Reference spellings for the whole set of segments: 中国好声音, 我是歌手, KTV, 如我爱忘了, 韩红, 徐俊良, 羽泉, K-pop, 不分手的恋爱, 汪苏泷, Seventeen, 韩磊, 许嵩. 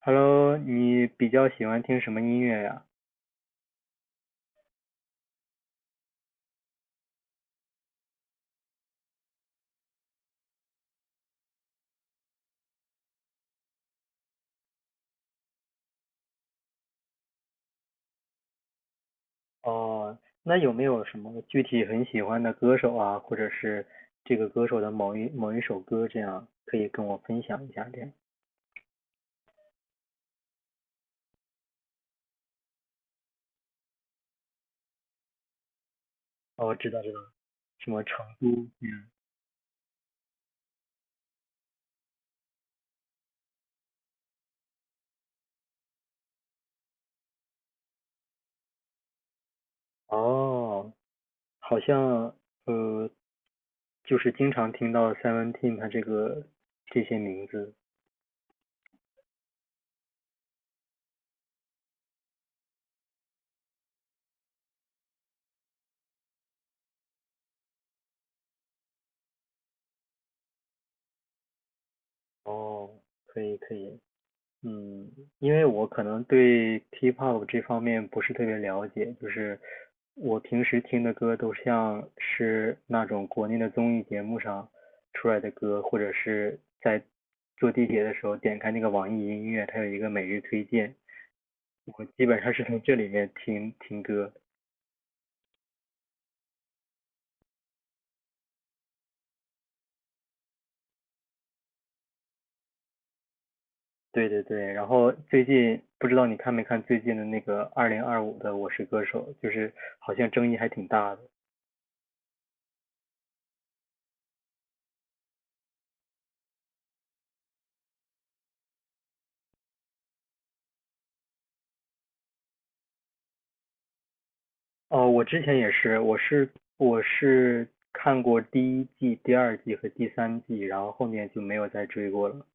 Hello，你比较喜欢听什么音乐呀？哦，那有没有什么具体很喜欢的歌手啊，或者是这个歌手的某一首歌，这样可以跟我分享一下？这样，哦，知道知道，什么成都？嗯，哦，好像呃，就是经常听到 Seventeen 他这个这些名字。哦，可以可以。嗯，因为我可能对 K-pop 这方面不是特别了解，就是我平时听的歌都像是那种国内的综艺节目上出来的歌，或者是在坐地铁的时候点开那个网易音乐，它有一个每日推荐，我基本上是从这里面听听歌。对对对，然后最近不知道你看没看最近的那个2025的《我是歌手》，就是好像争议还挺大的。哦，我之前也是，我是看过第一季、第二季和第三季，然后后面就没有再追过了。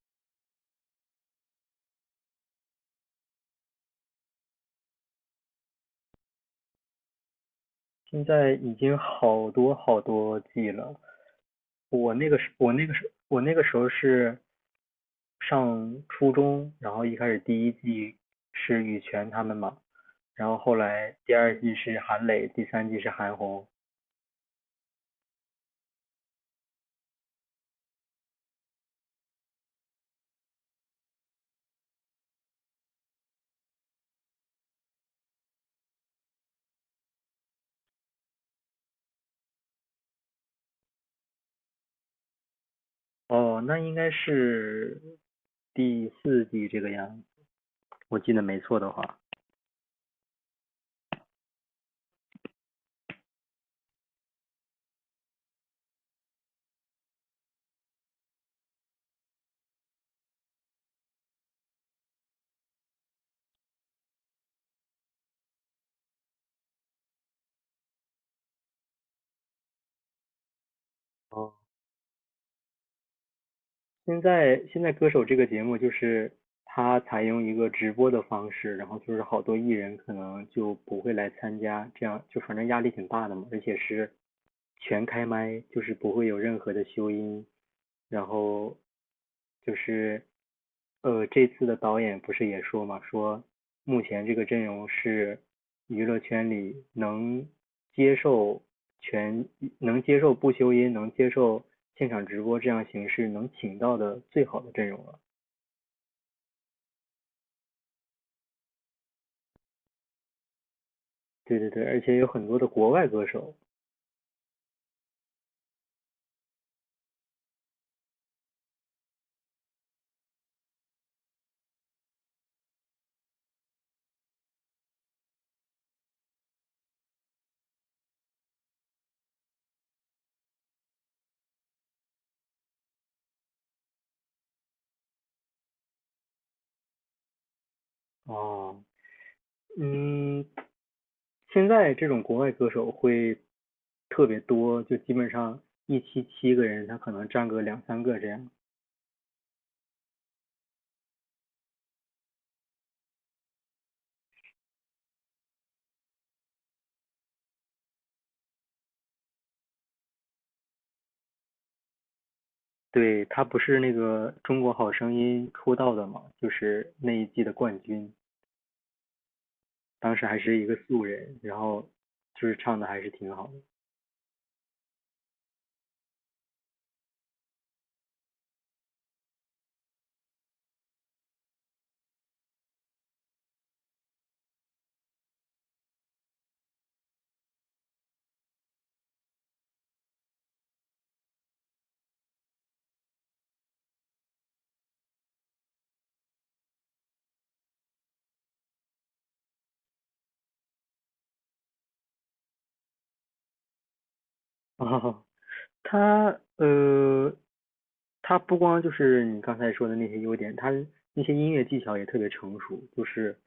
现在已经好多好多季了。我那个时候是上初中，然后一开始第一季是羽泉他们嘛，然后后来第二季是韩磊，第三季是韩红。哦，那应该是第4季这个样子，我记得没错的话。哦，现在歌手这个节目就是他采用一个直播的方式，然后就是好多艺人可能就不会来参加，这样就反正压力挺大的嘛，而且是全开麦，就是不会有任何的修音，然后就是这次的导演不是也说嘛，说目前这个阵容是娱乐圈里能接受全能接受不修音，能接受现场直播这样形式能请到的最好的阵容了。对对对，而且有很多的国外歌手。哦，嗯，现在这种国外歌手会特别多，就基本上一期7个人，他可能占个2 3个这样。对，他不是那个《中国好声音》出道的嘛，就是那一季的冠军，当时还是一个素人，然后就是唱的还是挺好的。啊，他呃，他不光就是你刚才说的那些优点，他那些音乐技巧也特别成熟，就是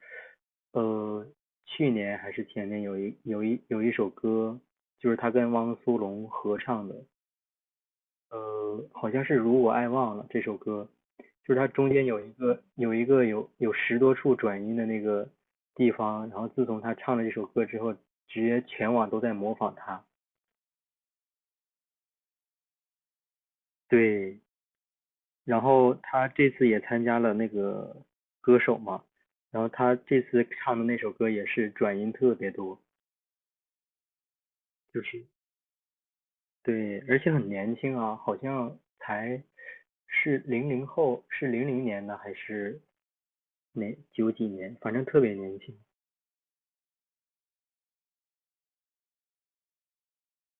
呃，去年还是前年有一首歌，就是他跟汪苏泷合唱的，好像是《如我爱忘了》这首歌，就是它中间有一个有一个有有10多处转音的那个地方，然后自从他唱了这首歌之后，直接全网都在模仿他。对，然后他这次也参加了那个歌手嘛，然后他这次唱的那首歌也是转音特别多，就是对，而且很年轻啊，好像才是零零后，是零零年的还是哪九几年，反正特别年轻。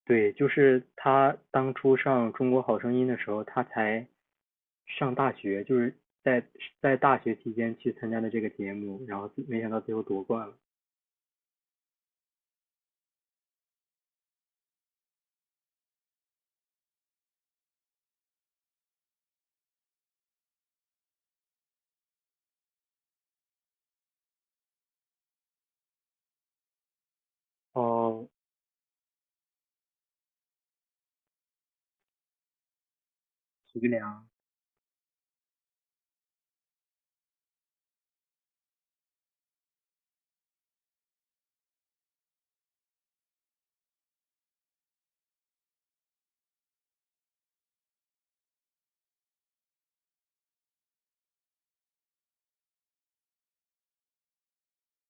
对，就是他当初上《中国好声音》的时候，他才上大学，就是在在大学期间去参加的这个节目，然后没想到最后夺冠了。哦，徐俊良，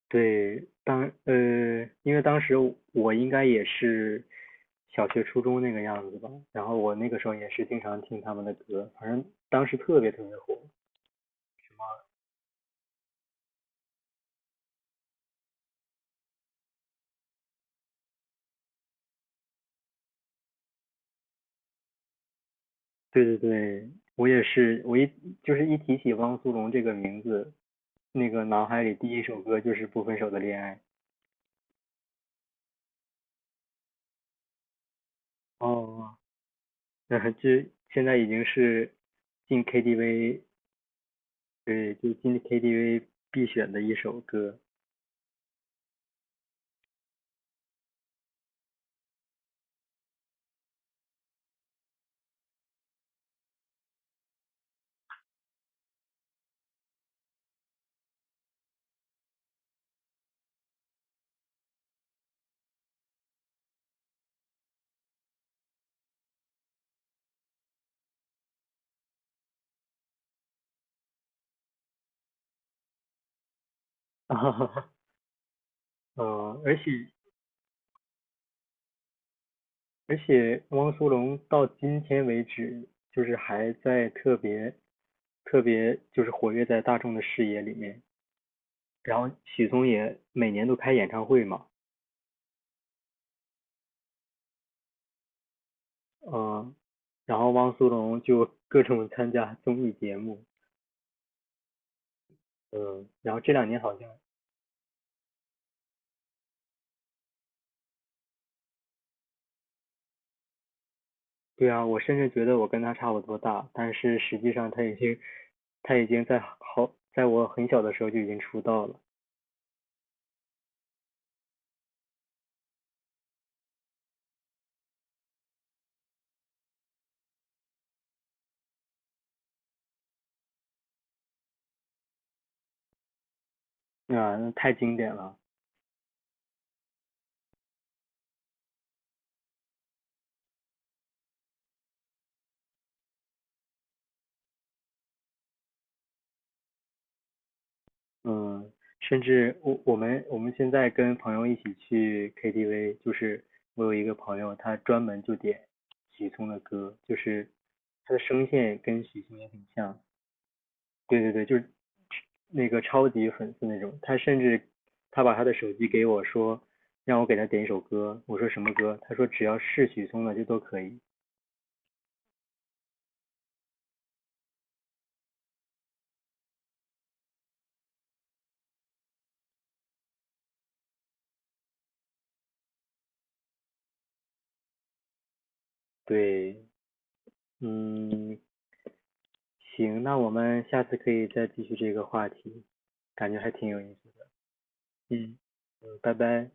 对，因为当时我应该也是小学、初中那个样子吧，然后我那个时候也是经常听他们的歌，反正当时特别特别火。对对对，我也是，就是一提起汪苏泷这个名字，那个脑海里第1首歌就是《不分手的恋爱》，哦，嗯，这现在已经是进 KTV，对，就进 KTV 必选的一首歌。哈哈嗯，而且而且汪苏泷到今天为止，就是还在特别就是活跃在大众的视野里面。然后许嵩也每年都开演唱会嘛，嗯，然后汪苏泷就各种参加综艺节目，嗯，然后这两年好像对啊，我甚至觉得我跟他差不多大，但是实际上他已经，在我很小的时候就已经出道了，啊，那太经典了，嗯，甚至我们现在跟朋友一起去 KTV，就是我有一个朋友，他专门就点许嵩的歌，就是他的声线跟许嵩也很像，对对对，就是那个超级粉丝那种，他甚至他把他的手机给我说，让我给他点一首歌，我说什么歌？他说只要是许嵩的就都可以。对，嗯，行，那我们下次可以再继续这个话题，感觉还挺有意思。嗯，拜拜。